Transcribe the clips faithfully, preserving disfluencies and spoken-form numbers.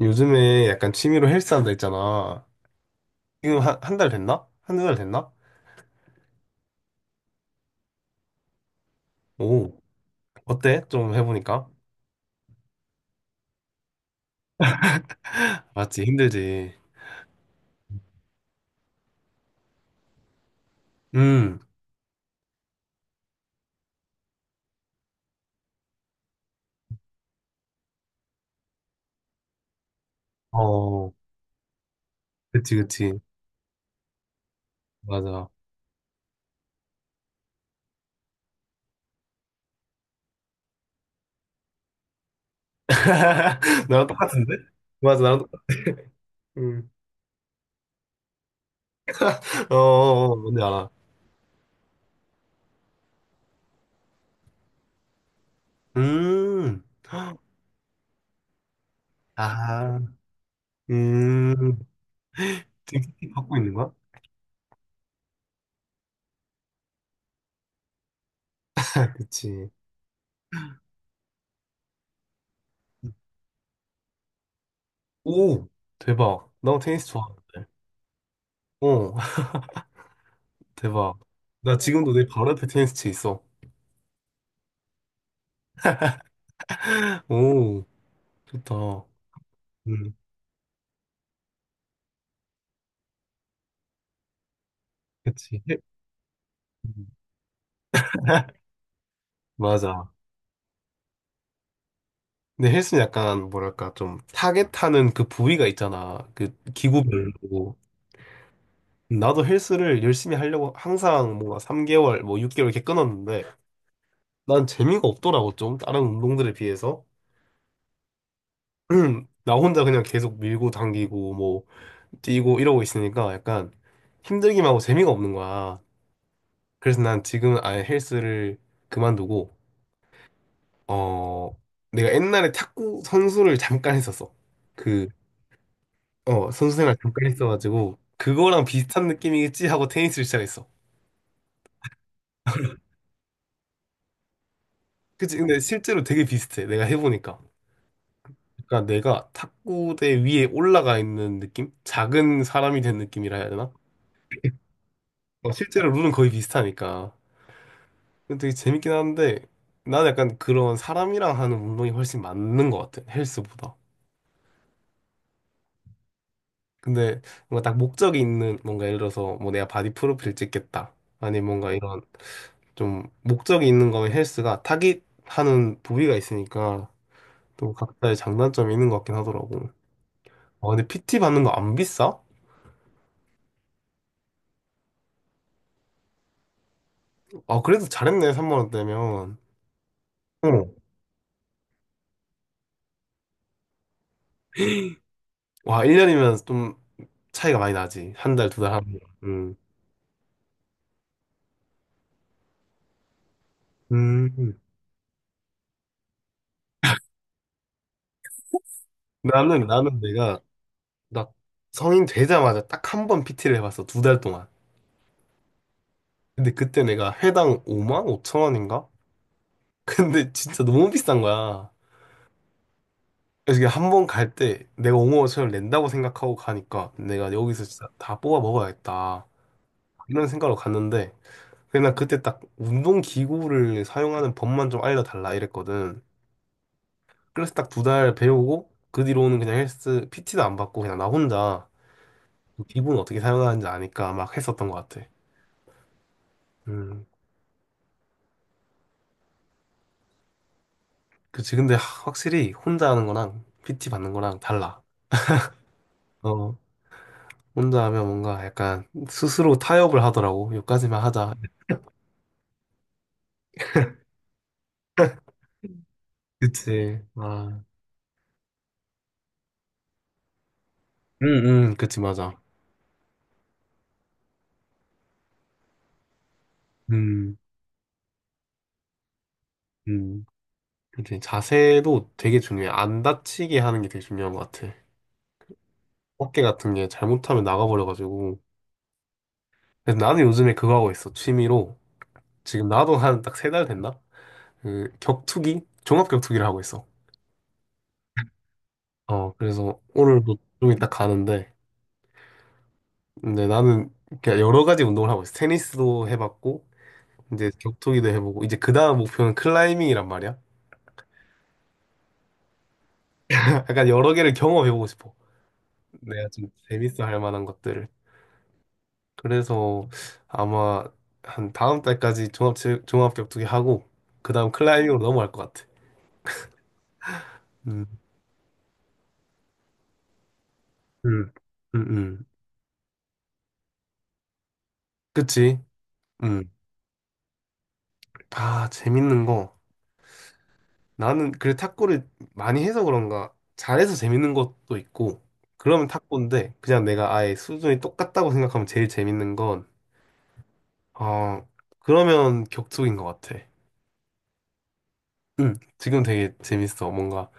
요즘에 약간 취미로 헬스 한다 했잖아. 지금 한, 한 달 됐나? 한두 달 됐나? 오, 어때? 좀 해보니까. 맞지, 힘들지. 음, 어, 그치, 그치. 맞아. 나랑 똑같은데? 맞아, 나랑 똑같, 음. 어, 어, 어, 어, 뭔지 알아. 음, 아, 음, 지금 피티 받고 있는 거야? 그치. 오, 대박. 나 테니스 좋아하는데. 어, 대박. 나 지금도 내 바로 옆에 테니스채 있어. 오. 좋다. 음, 그치. 헬- 음, 맞아. 근데 헬스는 약간, 뭐랄까, 좀, 타겟하는 그 부위가 있잖아. 그, 기구별로. 나도 헬스를 열심히 하려고 항상 뭔가 삼 개월, 뭐 육 개월 이렇게 끊었는데, 난 재미가 없더라고, 좀. 다른 운동들에 비해서. 나 혼자 그냥 계속 밀고 당기고, 뭐, 뛰고 이러고 있으니까 약간 힘들기만 하고 재미가 없는 거야. 그래서 난 지금은 아예 헬스를 그만두고, 어, 내가 옛날에 탁구 선수를 잠깐 했었어. 그, 어, 선수 생활 잠깐 했어가지고, 그거랑 비슷한 느낌이겠지 하고 테니스를 시작했어. 그치? 근데 실제로 되게 비슷해. 내가 해보니까. 그러니까 내가 탁구대 위에 올라가 있는 느낌? 작은 사람이 된 느낌이라 해야 되나? 어, 실제로 룰은 거의 비슷하니까. 근데 되게 재밌긴 한데, 나는 약간 그런 사람이랑 하는 운동이 훨씬 맞는 것 같아. 헬스보다. 근데 뭔가 딱 목적이 있는, 뭔가 예를 들어서 뭐 내가 바디 프로필 찍겠다. 아니 뭔가 이런 좀 목적이 있는 거면 헬스가 타깃하는 부위가 있으니까 또 각자의 장단점이 있는 것 같긴 하더라고. 아, 근데 피티 받는 거 안 비싸? 아, 그래도 잘했네, 삼만 원대면. 어. 와, 일 년이면 좀 차이가 많이 나지. 한 달, 두 달 하면. 음. 음. 나는, 나는 내가, 나 성인 되자마자 딱 한 번 피티를 해봤어. 두 달 동안. 근데 그때 내가 회당 오만 오천 원인가? 근데 진짜 너무 비싼 거야. 그래서 이게 한 번 갈 때 내가 옹호 오천을 낸다고 생각하고 가니까 내가 여기서 진짜 다 뽑아 먹어야겠다. 이런 생각으로 갔는데 그냥 그때 딱 운동 기구를 사용하는 법만 좀 알려달라 이랬거든. 그래서 딱 두 달 배우고 그 뒤로는 그냥 헬스 피티도 안 받고 그냥 나 혼자 그 기구는 어떻게 사용하는지 아니까 막 했었던 것 같아. 음, 그치. 근데 하- 확실히 혼자 하는 거랑 피티 받는 거랑 달라. 어, 혼자 하면 뭔가 약간 스스로 타협을 하더라고. 여기까지만 하자. 그치. 아. 음, 음, 그치, 맞아. 음, 음. 그치, 자세도 되게 중요해. 안 다치게 하는 게 되게 중요한 것 같아. 어깨 같은 게 잘못하면 나가버려가지고. 그래서 나는 요즘에 그거 하고 있어. 취미로. 지금 나도 한 딱 세 달 됐나? 그, 격투기? 종합 격투기를 하고 있어. 어, 그래서 오늘도 좀 이따 가는데. 근데 나는 그냥 여러 가지 운동을 하고 있어. 테니스도 해봤고, 이제 격투기도 해보고, 이제 그 다음 목표는 클라이밍이란 말이야. 약간 여러 개를 경험해보고 싶어. 내가 좀 재밌어 할 만한 것들을. 그래서 아마 한 다음 달까지 종합 체- 종합 격투기 하고 그다음 클라이밍으로 넘어갈 것 같아. 음, 음, 음, 음. 그치? 음. 아, 재밌는 거. 나는 그래 탁구를 많이 해서 그런가 잘해서 재밌는 것도 있고 그러면 탁구인데 그냥 내가 아예 수준이 똑같다고 생각하면 제일 재밌는 건 어, 그러면 격투기인 것 같아. 응. 지금 되게 재밌어. 뭔가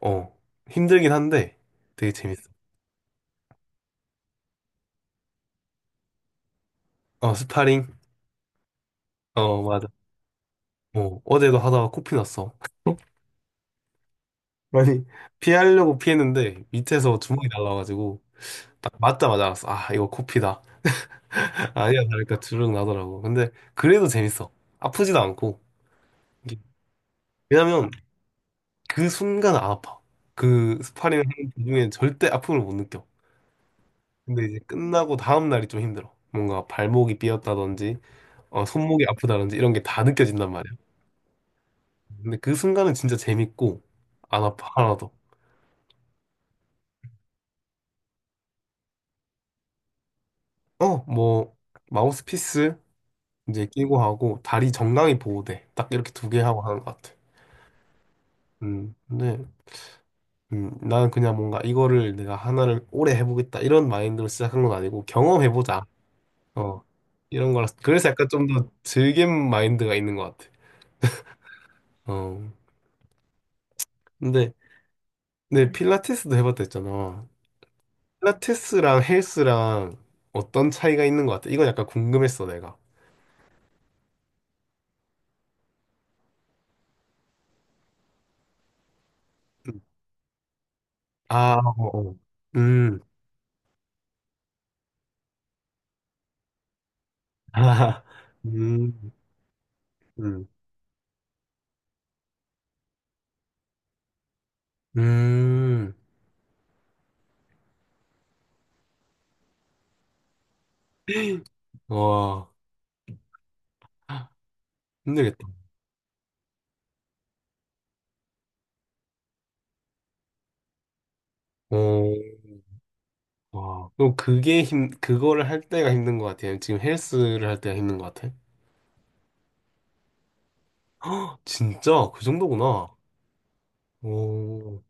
어, 힘들긴 한데 되게 재밌어. 어, 스파링. 어, 맞아. 뭐 어제도 하다가 코피 났어. 아니, 피하려고 피했는데 밑에서 주먹이 날라가지고 딱 맞자마자 알았어. 아, 이거 코피다. 아니야, 그러니까 주르륵 나더라고. 근데 그래도 재밌어. 아프지도 않고. 이게 왜냐면 그 순간 안 아파. 그 스파링 하는 도중에 절대 아픔을 못 느껴. 근데 이제 끝나고 다음 날이 좀 힘들어. 뭔가 발목이 삐었다든지 어, 손목이 아프다든지 이런 게 다 느껴진단 말이야. 근데 그 순간은 진짜 재밌고 안 아파 하나도. 어, 뭐 마우스피스 이제 끼고 하고 다리 정강이 보호대 딱 이렇게 두 개 하고 하는 것 같아. 음, 근데 음, 나는 그냥 뭔가 이거를 내가 하나를 오래 해보겠다 이런 마인드로 시작한 건 아니고 경험해보자. 어, 이런 거라 그래서 약간 좀 더 즐김 마인드가 있는 것 같아. 어, 근데 근데 필라테스도 해봤다 했잖아. 필라테스랑 헬스랑 어떤 차이가 있는 것 같아? 이건 약간 궁금했어 내가. 음. 아, 어, 어. 음, 아, 음, 음, 음, 와. 힘들겠다. 어, 와, 그럼 그게 힘, 그거를 할 때가 힘든 것 같아요. 지금 헬스를 할 때가 힘든 것 같아요. 헉, 진짜 그 정도구나. 오,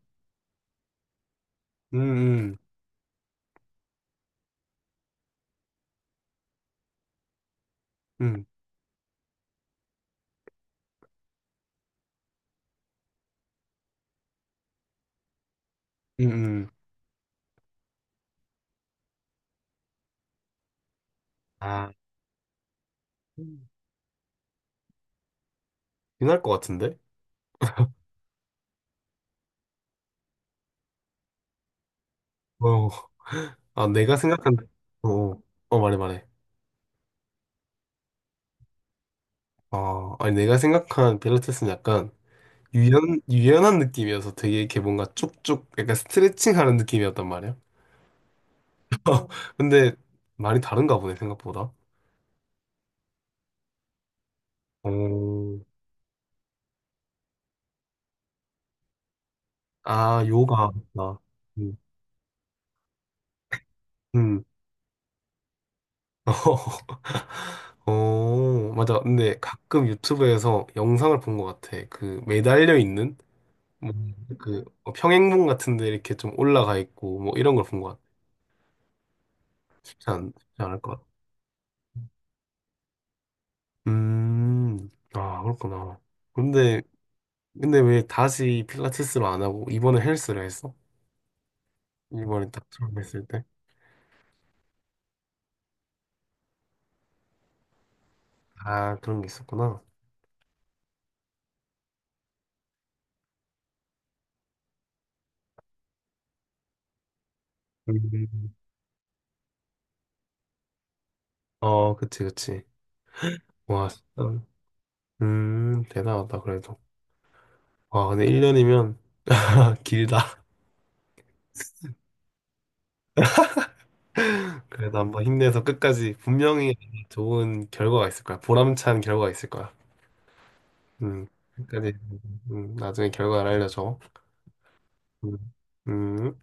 음, 음, 음, 음, 음. 아, 빛날 것 같은데? 어, 아, 내가 생각한, 어, 어, 말해, 말해. 아, 아니, 내가 생각한 필라테스는 약간 유연, 유연한 느낌이어서 되게 이렇게 뭔가 쭉쭉 약간 스트레칭 하는 느낌이었단 말이야. 근데 많이 다른가 보네, 생각보다. 어, 아, 요가. 아, 음. 음. 어, 맞아. 근데 가끔 유튜브에서 영상을 본 것 같아. 그 매달려 있는 뭐, 그 평행봉 같은 데 이렇게 좀 올라가 있고 뭐 이런 걸 본 것 같아. 쉽지 않, 쉽지 않을 것 같아. 음. 아, 그렇구나. 근데 근데 왜 다시 필라테스로 안 하고 이번에 헬스를 했어? 이번에 딱 처음 했을 때? 아, 그런 게 있었구나. 음. 어, 그치, 그치. 와, 진짜. 음, 대단하다, 그래도. 아, 근데 일 년이면 길다. 그래도 한번 힘내서 끝까지 분명히 좋은 결과가 있을 거야. 보람찬 결과가 있을 거야. 음, 끝까지 음, 나중에 결과를 알려줘. 음. 음.